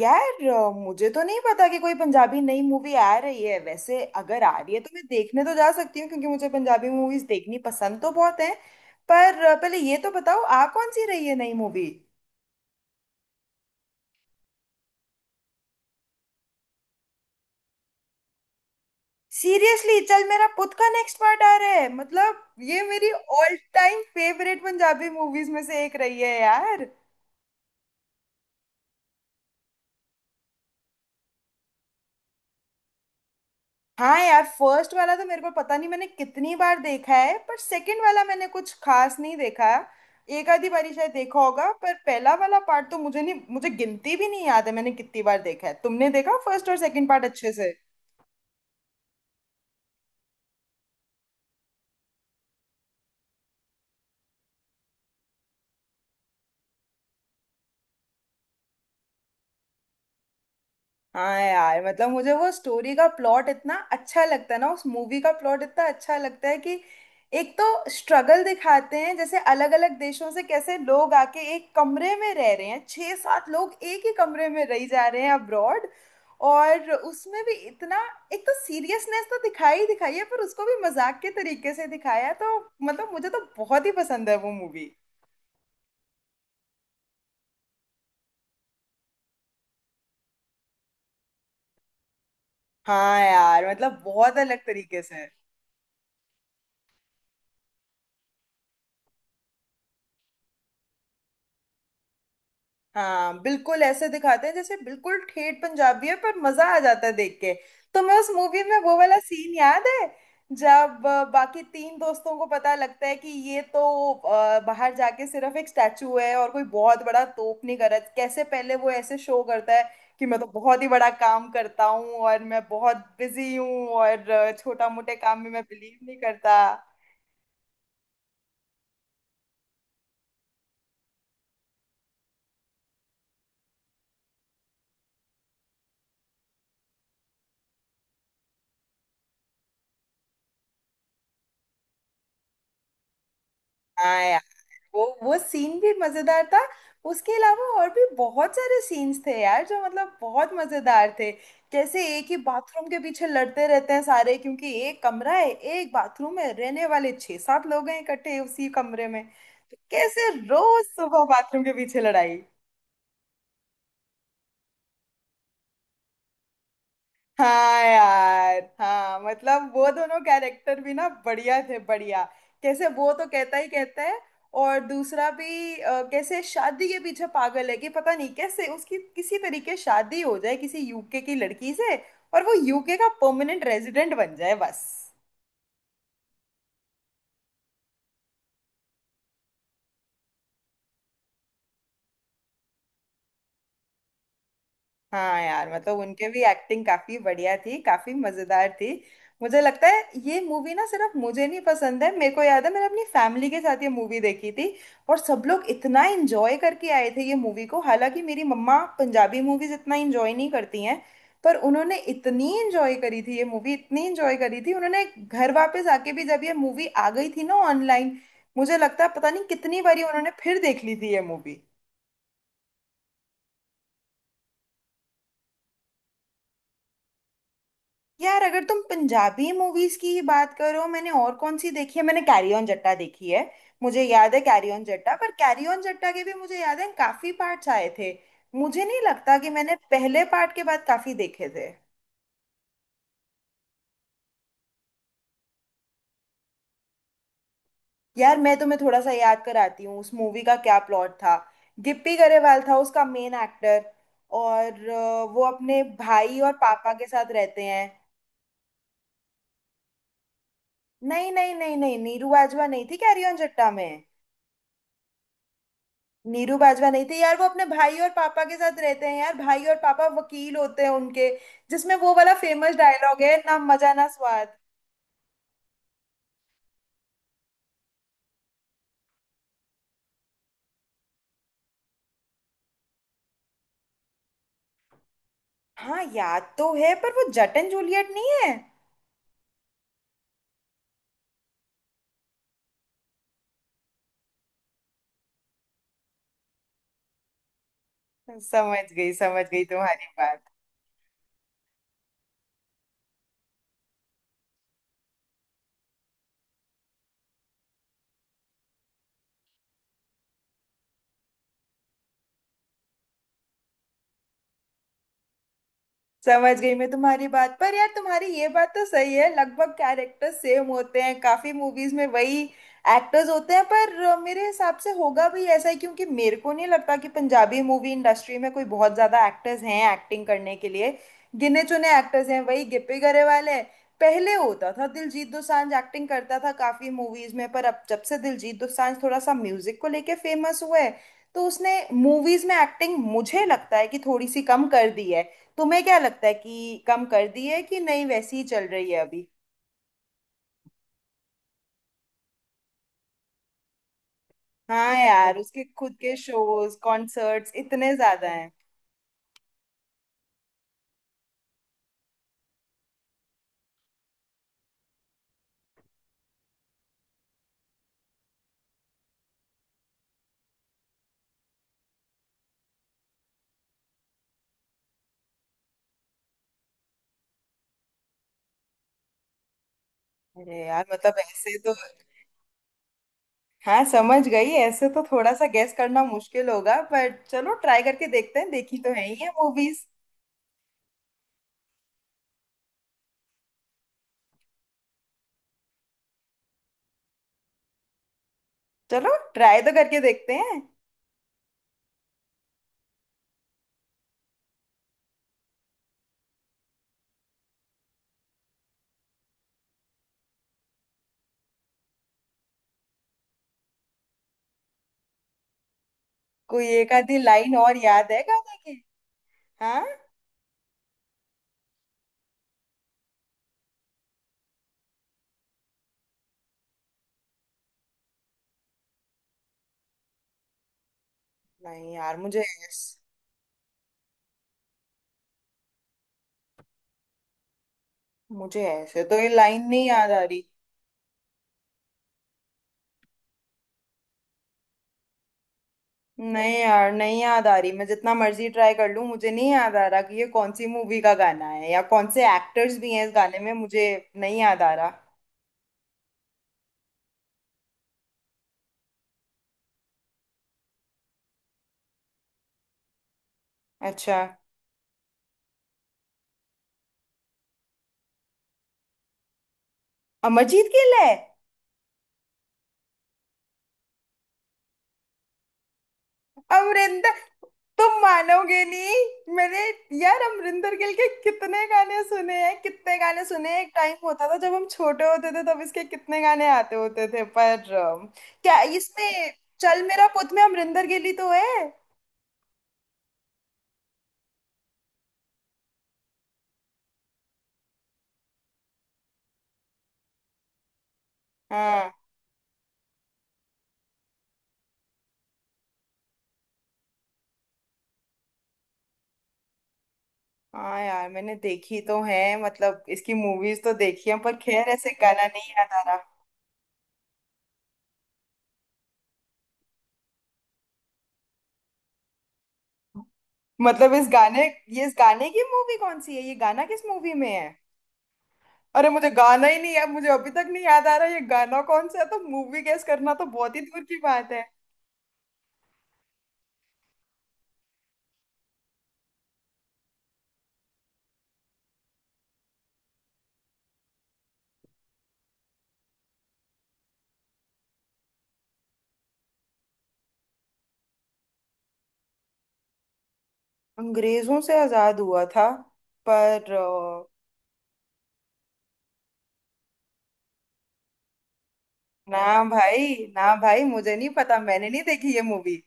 यार मुझे तो नहीं पता कि कोई पंजाबी नई मूवी आ रही है। वैसे अगर आ रही है तो मैं देखने तो जा सकती हूँ क्योंकि मुझे पंजाबी मूवीज देखनी पसंद तो बहुत है। पर पहले ये तो बताओ आ कौन सी रही है नई मूवी। सीरियसली चल मेरा पुत का नेक्स्ट पार्ट आ रहा है मतलब ये मेरी all time favourite Punjabi movies में से एक रही है यार। हाँ यार, फर्स्ट वाला तो मेरे को पता नहीं मैंने कितनी बार देखा है पर सेकंड वाला मैंने कुछ खास नहीं देखा। एक आधी बारी शायद देखा होगा पर पहला वाला पार्ट तो मुझे नहीं, मुझे गिनती भी नहीं याद है मैंने कितनी बार देखा है। तुमने देखा फर्स्ट और सेकंड पार्ट अच्छे से? हाँ यार, मतलब मुझे वो स्टोरी का प्लॉट इतना अच्छा लगता है ना, उस मूवी का प्लॉट इतना अच्छा लगता है कि एक तो स्ट्रगल दिखाते हैं जैसे अलग अलग देशों से कैसे लोग आके एक कमरे में रह रहे हैं, छह सात लोग एक ही कमरे में रह जा रहे हैं अब्रॉड। और उसमें भी इतना एक तो सीरियसनेस तो दिखाई ही दिखाई है पर उसको भी मजाक के तरीके से दिखाया है, तो मतलब मुझे तो बहुत ही पसंद है वो मूवी। हाँ यार, मतलब बहुत अलग तरीके से। हाँ बिल्कुल, ऐसे दिखाते हैं जैसे बिल्कुल ठेठ पंजाबी है पर मजा आ जाता है देख के। तुम्हें उस मूवी में वो वाला सीन याद है जब बाकी तीन दोस्तों को पता लगता है कि ये तो बाहर जाके सिर्फ एक स्टैचू है और कोई बहुत बड़ा तोप नहीं कर रहा, कैसे पहले वो ऐसे शो करता है कि मैं तो बहुत ही बड़ा काम करता हूँ और मैं बहुत बिजी हूँ और छोटा मोटे काम में मैं बिलीव नहीं करता। हाँ, वो सीन भी मजेदार था। उसके अलावा और भी बहुत सारे सीन्स थे यार जो मतलब बहुत मजेदार थे। जैसे एक ही बाथरूम के पीछे लड़ते रहते हैं सारे, क्योंकि एक कमरा है, एक बाथरूम है, रहने वाले छह सात लोग हैं इकट्ठे उसी कमरे में, तो कैसे रोज सुबह बाथरूम के पीछे लड़ाई। हाँ यार, हाँ मतलब वो दोनों कैरेक्टर भी ना बढ़िया थे, बढ़िया। कैसे वो तो कहता ही कहता है और दूसरा भी कैसे शादी के पीछे पागल है कि पता नहीं कैसे उसकी किसी तरीके शादी हो जाए किसी यूके की लड़की से और वो यूके का परमानेंट रेजिडेंट बन जाए बस। हाँ यार, मतलब उनके भी एक्टिंग काफी बढ़िया थी, काफी मजेदार थी। मुझे लगता है ये मूवी ना सिर्फ मुझे नहीं पसंद है, मेरे को याद है मैंने अपनी फैमिली के साथ ये मूवी देखी थी और सब लोग इतना एंजॉय करके आए थे ये मूवी को। हालांकि मेरी मम्मा पंजाबी मूवीज इतना एंजॉय नहीं करती हैं पर उन्होंने इतनी एंजॉय करी थी ये मूवी, इतनी एंजॉय करी थी उन्होंने। घर वापस आके भी जब ये मूवी आ गई थी ना ऑनलाइन, मुझे लगता है पता नहीं कितनी बारी उन्होंने फिर देख ली थी ये मूवी। यार अगर तुम पंजाबी मूवीज की ही बात करो, मैंने और कौन सी देखी है, मैंने कैरी ऑन जट्टा देखी है। मुझे याद है कैरी ऑन जट्टा, पर कैरी ऑन जट्टा के भी मुझे याद है काफी पार्ट्स आए थे। मुझे नहीं लगता कि मैंने पहले पार्ट के बाद काफी देखे थे। यार मैं तुम्हें थोड़ा सा याद कराती हूँ उस मूवी का क्या प्लॉट था। गिप्पी गरेवाल था उसका मेन एक्टर और वो अपने भाई और पापा के साथ रहते हैं। नहीं नहीं नहीं नहीं, नीरू बाजवा नहीं थी कैरी ऑन जट्टा में। नीरू बाजवा नहीं थे यार, वो अपने भाई और पापा के साथ रहते हैं यार, भाई और पापा वकील होते हैं उनके, जिसमें वो वाला फेमस डायलॉग है ना, मजा ना स्वाद। हाँ याद तो है पर वो जट एंड जूलियट नहीं है। समझ गई तुम्हारी बात। समझ गई मैं तुम्हारी बात, पर यार तुम्हारी ये बात तो सही है, लगभग कैरेक्टर सेम होते हैं, काफी मूवीज में वही एक्टर्स होते हैं पर मेरे हिसाब से होगा भी ऐसा ही क्योंकि मेरे को नहीं लगता कि पंजाबी मूवी इंडस्ट्री में कोई बहुत ज्यादा एक्टर्स हैं एक्टिंग करने के लिए, गिने चुने एक्टर्स हैं, वही गिप्पी गरेवाल है। पहले होता था दिलजीत दोसांझ एक्टिंग करता था काफी मूवीज में पर अब जब से दिलजीत दोसांझ थोड़ा सा म्यूजिक को लेके फेमस हुआ है तो उसने मूवीज में एक्टिंग मुझे लगता है कि थोड़ी सी कम कर दी है। तुम्हें क्या लगता है कि कम कर दी है कि नहीं, वैसी ही चल रही है अभी? हाँ यार, उसके खुद के शोज कॉन्सर्ट्स इतने ज्यादा हैं। अरे यार मतलब ऐसे तो। हाँ समझ गई, ऐसे तो थोड़ा सा गेस करना मुश्किल होगा पर चलो ट्राई करके देखते हैं, देखी तो है ही है मूवीज। चलो ट्राई तो करके देखते हैं। कोई एक आधी लाइन और याद है गाने की? हाँ। नहीं यार, मुझे ऐसे तो ये लाइन नहीं याद आ रही। नहीं यार नहीं याद आ रही, मैं जितना मर्जी ट्राई कर लूं मुझे नहीं याद आ रहा कि ये कौन सी मूवी का गाना है या कौन से एक्टर्स भी हैं इस गाने में, मुझे नहीं याद आ रहा। अच्छा। अमरजीत गिल है? अमरिंदर, तुम मानोगे नहीं मैंने, यार अमरिंदर गिल के कितने गाने सुने हैं, कितने गाने सुने हैं, एक टाइम होता था जब हम छोटे होते थे तब इसके कितने गाने आते होते थे पर क्या इसमें चल मेरा पुत में अमरिंदर गिल ही तो है। हाँ हाँ यार, मैंने देखी तो है मतलब इसकी मूवीज तो देखी है पर खैर ऐसे गाना नहीं याद आ रहा। मतलब इस गाने, ये इस गाने की मूवी कौन सी है? ये गाना किस मूवी में है? अरे मुझे गाना ही नहीं याद, मुझे अभी तक नहीं याद आ रहा ये गाना कौन सा है, तो मूवी गेस करना तो बहुत ही दूर की बात है। अंग्रेजों से आजाद हुआ था पर ना भाई ना भाई, मुझे नहीं पता, मैंने नहीं देखी ये मूवी।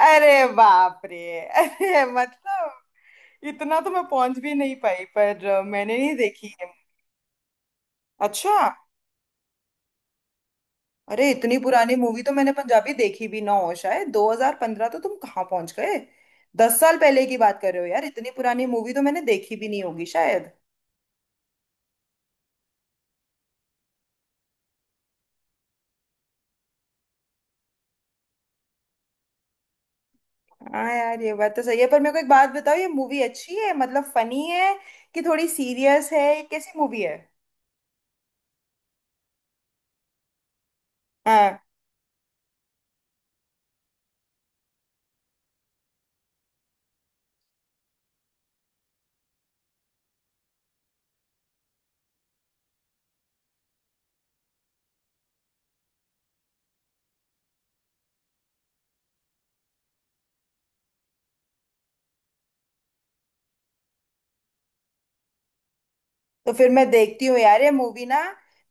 अरे बाप रे अरे मतलब इतना तो मैं पहुंच भी नहीं पाई, पर मैंने नहीं देखी। अच्छा। अरे इतनी पुरानी मूवी तो मैंने पंजाबी देखी भी ना हो शायद, 2015 तो तुम कहाँ पहुंच गए। 10 साल पहले की बात कर रहे हो यार, इतनी पुरानी मूवी तो मैंने देखी भी नहीं होगी शायद। हाँ यार ये बात तो सही है, पर मेरे को एक बात बताओ ये मूवी अच्छी है मतलब फनी है कि थोड़ी सीरियस है, ये कैसी मूवी है? हाँ तो फिर मैं देखती हूँ यार ये मूवी ना,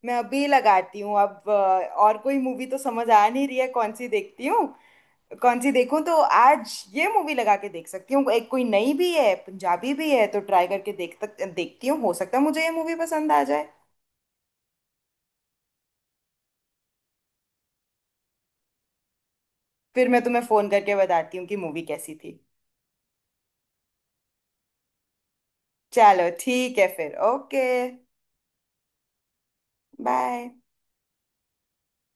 मैं अभी लगाती हूँ। अब और कोई मूवी तो समझ आ नहीं रही है कौन सी देखती हूँ, कौन सी देखूं, तो आज ये मूवी लगा के देख सकती हूँ, एक कोई नई भी है पंजाबी भी है तो ट्राई करके देख तक देखती हूँ, हो सकता है मुझे ये मूवी पसंद आ जाए। फिर मैं तुम्हें फोन करके बताती हूँ कि मूवी कैसी थी। चलो ठीक है फिर, ओके, बाय।